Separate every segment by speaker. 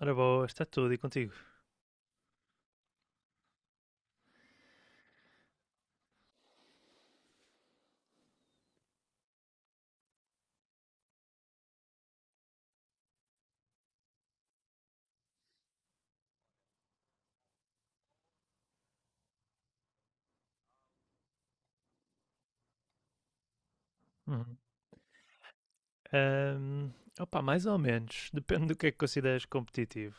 Speaker 1: Ora boa, está tudo e contigo? Uhum. Ahm, Opa, mais ou menos, depende do que é que consideras competitivo.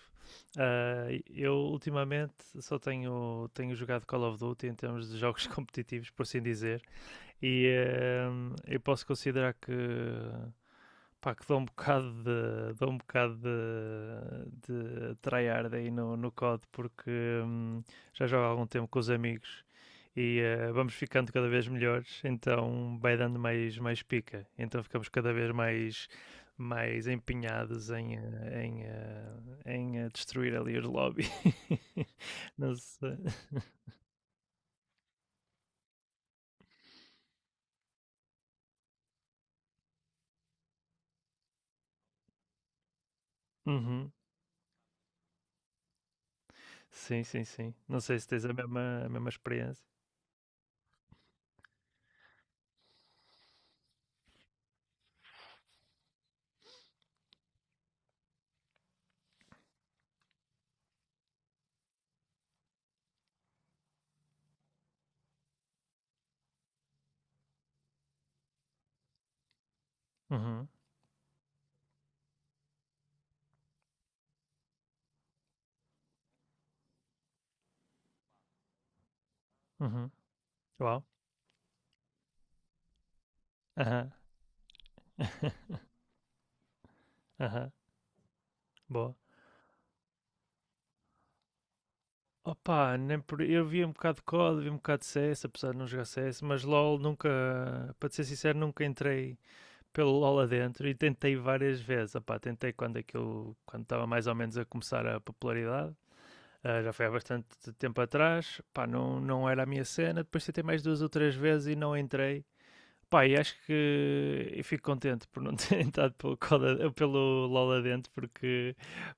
Speaker 1: Ah, eu ultimamente tenho jogado Call of Duty em termos de jogos competitivos, por assim dizer, e eu posso considerar que pá, que dá um bocado de tryhard aí no, no COD, porque hum, já jogo há algum tempo com os amigos e vamos ficando cada vez melhores, então vai dando mais pica, então ficamos cada vez mais, mais empenhados em destruir ali os lobbies. Não sei. Uhum. Sim, sim, sim. Não sei se tens a mesma experiência. Uhum. Uhum. Uau. Aham. Aham. Boa. Opa, nem por... Eu vi um bocado de COD, vi um bocado de C s, apesar de não jogar C s, mas LOL nunca, para te ser sincero, nunca entrei pelo LOL adentro e tentei várias vezes. Opa, tentei quando aquilo, quando estava mais ou menos a começar a popularidade. Ah, já foi há bastante tempo atrás, pá, não, não era a minha cena. Depois tentei mais duas ou três vezes e não entrei. Pá, e acho que eu fico contente por não ter entrado pelo Coda, pelo LOL adentro, porque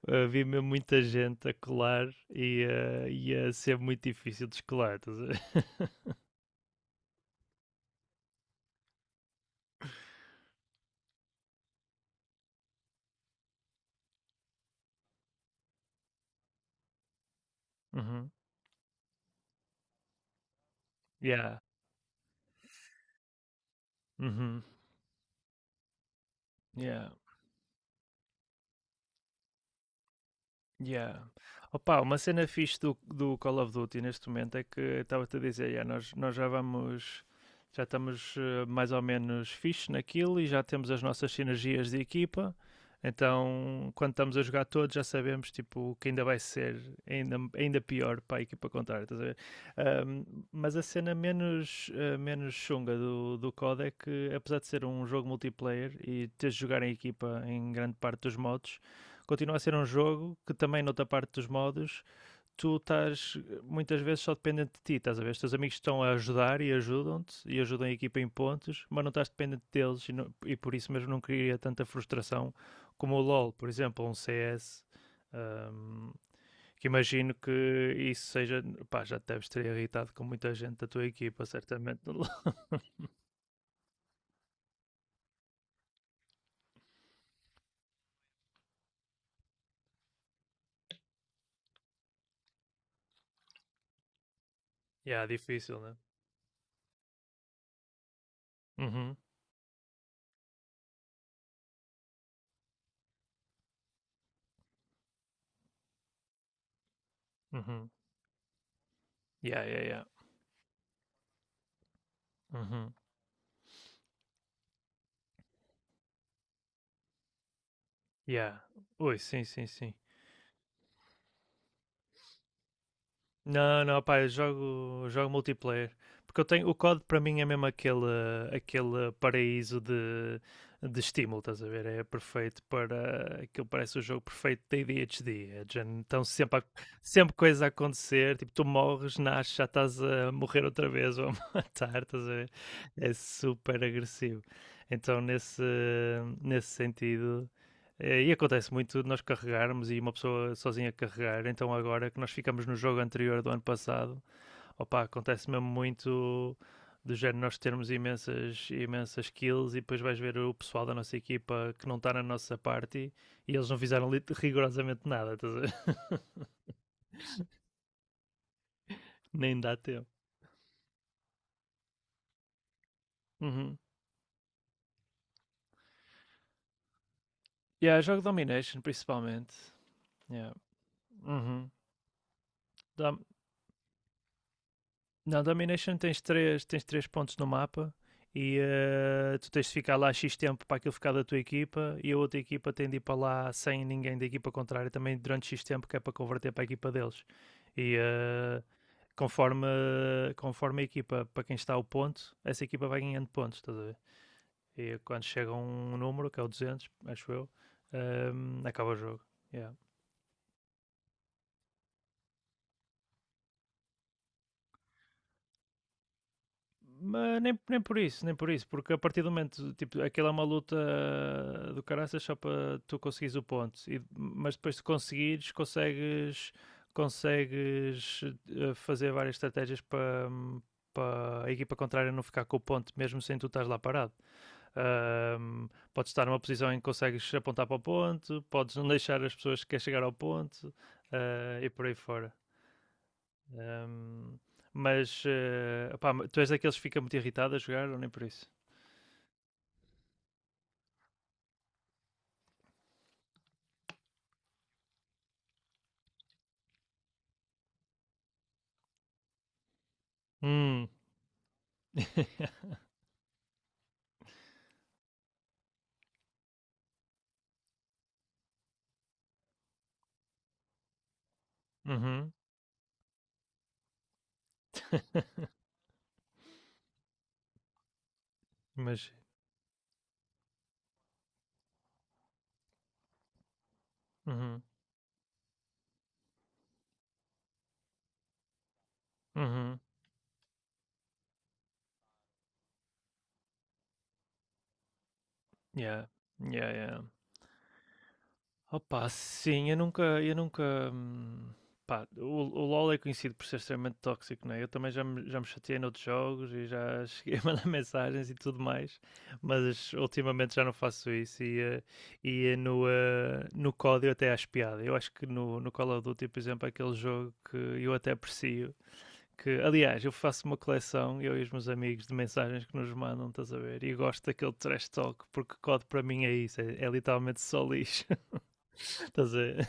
Speaker 1: vi mesmo muita gente a colar e ia ser muito difícil de descolar. Estás a ver? Uhum. Yeah. Uhum. Yeah. Yeah. Opa, uma cena fixe do Call of Duty neste momento é que estava-te a dizer, yeah, nós já vamos, já estamos mais ou menos fixe naquilo e já temos as nossas sinergias de equipa. Então, quando estamos a jogar todos, já sabemos tipo, que ainda vai ser ainda, pior para a equipa contrária. Estás a ver? Ahm, mas a cena menos, menos chunga do COD é que, apesar de ser um jogo multiplayer e teres de jogar em equipa em grande parte dos modos, continua a ser um jogo que também, noutra parte dos modos, tu estás muitas vezes só dependente de ti, estás a ver? Os teus amigos estão a ajudar e ajudam-te e ajudam a equipa em pontos, mas não estás dependente deles e, não- e por isso mesmo não cria tanta frustração como o LoL, por exemplo, ou um CS. hum, que imagino que isso seja, pá, já te deves ter irritado com muita gente da tua equipa, certamente, no LoL. Yeah, difícil, né? Uhum, uhum. Yeah, yeah, yeah. Uhum. Yeah. Ui, sim, sim, sim. Não, não, pá, jogo multiplayer. Porque eu tenho, o código para mim é mesmo aquele, aquele paraíso de estímulo, estás a ver? É perfeito para. Aquilo parece o jogo perfeito da ADHD. É de género, então sempre, sempre coisa a acontecer, tipo, tu morres, nasces, já estás a morrer outra vez ou a matar, estás a ver? É super agressivo. Então nesse, nesse sentido. E acontece muito de nós carregarmos e uma pessoa sozinha carregar. Então, agora que nós ficamos no jogo anterior do ano passado, opa, acontece mesmo muito do género nós termos imensas kills e depois vais ver o pessoal da nossa equipa que não está na nossa party e eles não fizeram rigorosamente nada, estás a ver? Nem dá tempo. Uhum. E yeah, jogo Domination principalmente. Yeah. Uhum. Dá- Não, Domination tens tens três pontos no mapa e tu tens de ficar lá X tempo para aquilo ficar da tua equipa e a outra equipa tem de ir para lá sem ninguém da equipa contrária também durante X tempo que é para converter para a equipa deles. E conforme, conforme a equipa, para quem está o ponto, essa equipa vai ganhando pontos, estás a ver? E quando chega um número, que é o 200, acho eu, acaba o jogo. Yeah. Mas nem, nem por isso, nem por isso, porque a partir do momento, tipo, aquela é uma luta do caraças só para tu conseguires o ponto, e, mas depois de conseguires, consegues fazer várias estratégias para a equipa contrária não ficar com o ponto, mesmo sem tu estás lá parado. Ahm, Podes estar numa posição em que consegues apontar para o ponto, podes não deixar as pessoas que querem chegar ao ponto, ah, e por aí fora. Ahm, Opá, tu és daqueles que fica muito irritado a jogar ou nem por isso? Hum. Uhum. Mas, uhum. Uhum. Yeah. Yeah, yeah. Opa, sim, eu nunca, hum, pá, o LoL é conhecido por ser extremamente tóxico, né? Eu também já me chateei noutros jogos e já cheguei a mandar mensagens e tudo mais, mas ultimamente já não faço isso e, no código até acho piada. Eu acho que no Call of Duty, por exemplo, é aquele jogo que eu até aprecio, que, aliás, eu faço uma coleção, eu e os meus amigos, de mensagens que nos mandam, estás a ver? E gosto daquele trash talk, porque código para mim é isso, é, é literalmente só lixo. Estás a ver?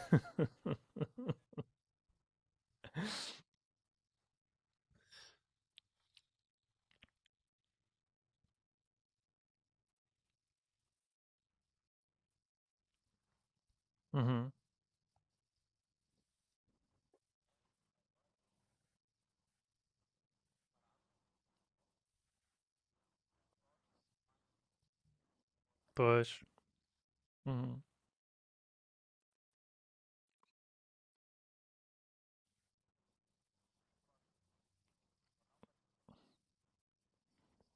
Speaker 1: Uhum, pois. Uhum,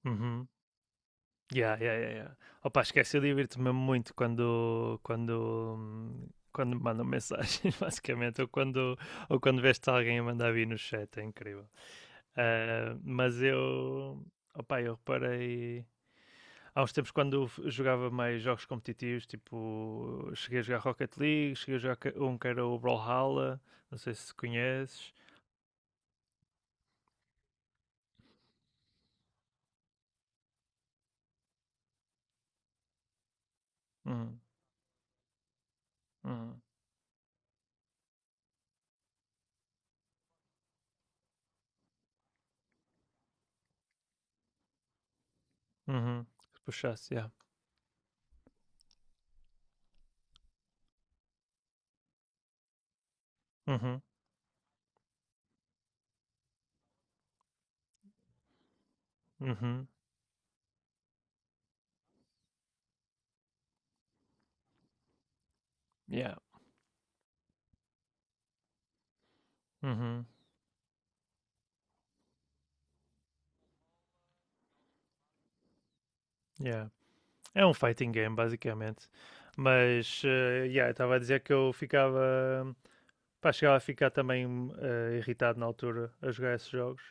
Speaker 1: uhum. Yeah, yeah, yeah, yeah. Opa, esquece, eu divirto-me muito quando me mandam mensagens, basicamente, ou quando veste alguém a mandar vir no chat, é incrível. Ah, mas eu, opa, eu reparei... Há uns tempos, quando jogava mais jogos competitivos, tipo, cheguei a jogar Rocket League, cheguei a jogar um que era o Brawlhalla, não sei se conheces. Uhum, uhum, uhum. Puxasse, yeah. Uhum, uhum. Yeah. Uhum. Yeah. É um fighting game, basicamente. Mas, yeah, estava a dizer que eu ficava. Pá, chegava a ficar também irritado na altura a jogar esses jogos.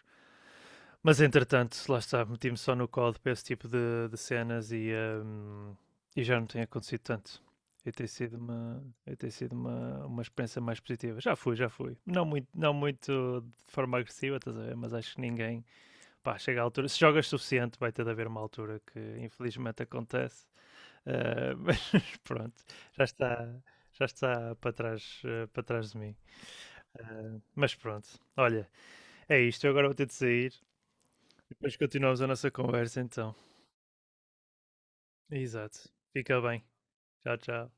Speaker 1: Mas, entretanto, lá está, meti-me só no código para esse tipo de cenas e já não tem acontecido tanto. E e tem sido uma experiência mais positiva. Já fui. Não muito de forma agressiva, estás a ver? Mas acho que ninguém pá, chega a altura, se jogas suficiente, vai ter de haver uma altura que infelizmente acontece, mas pronto, já está, já está para trás, para trás de mim. Mas pronto, olha, é isto. Eu agora vou ter de sair, depois continuamos a nossa conversa então. Exato, fica bem. Tchau, tchau.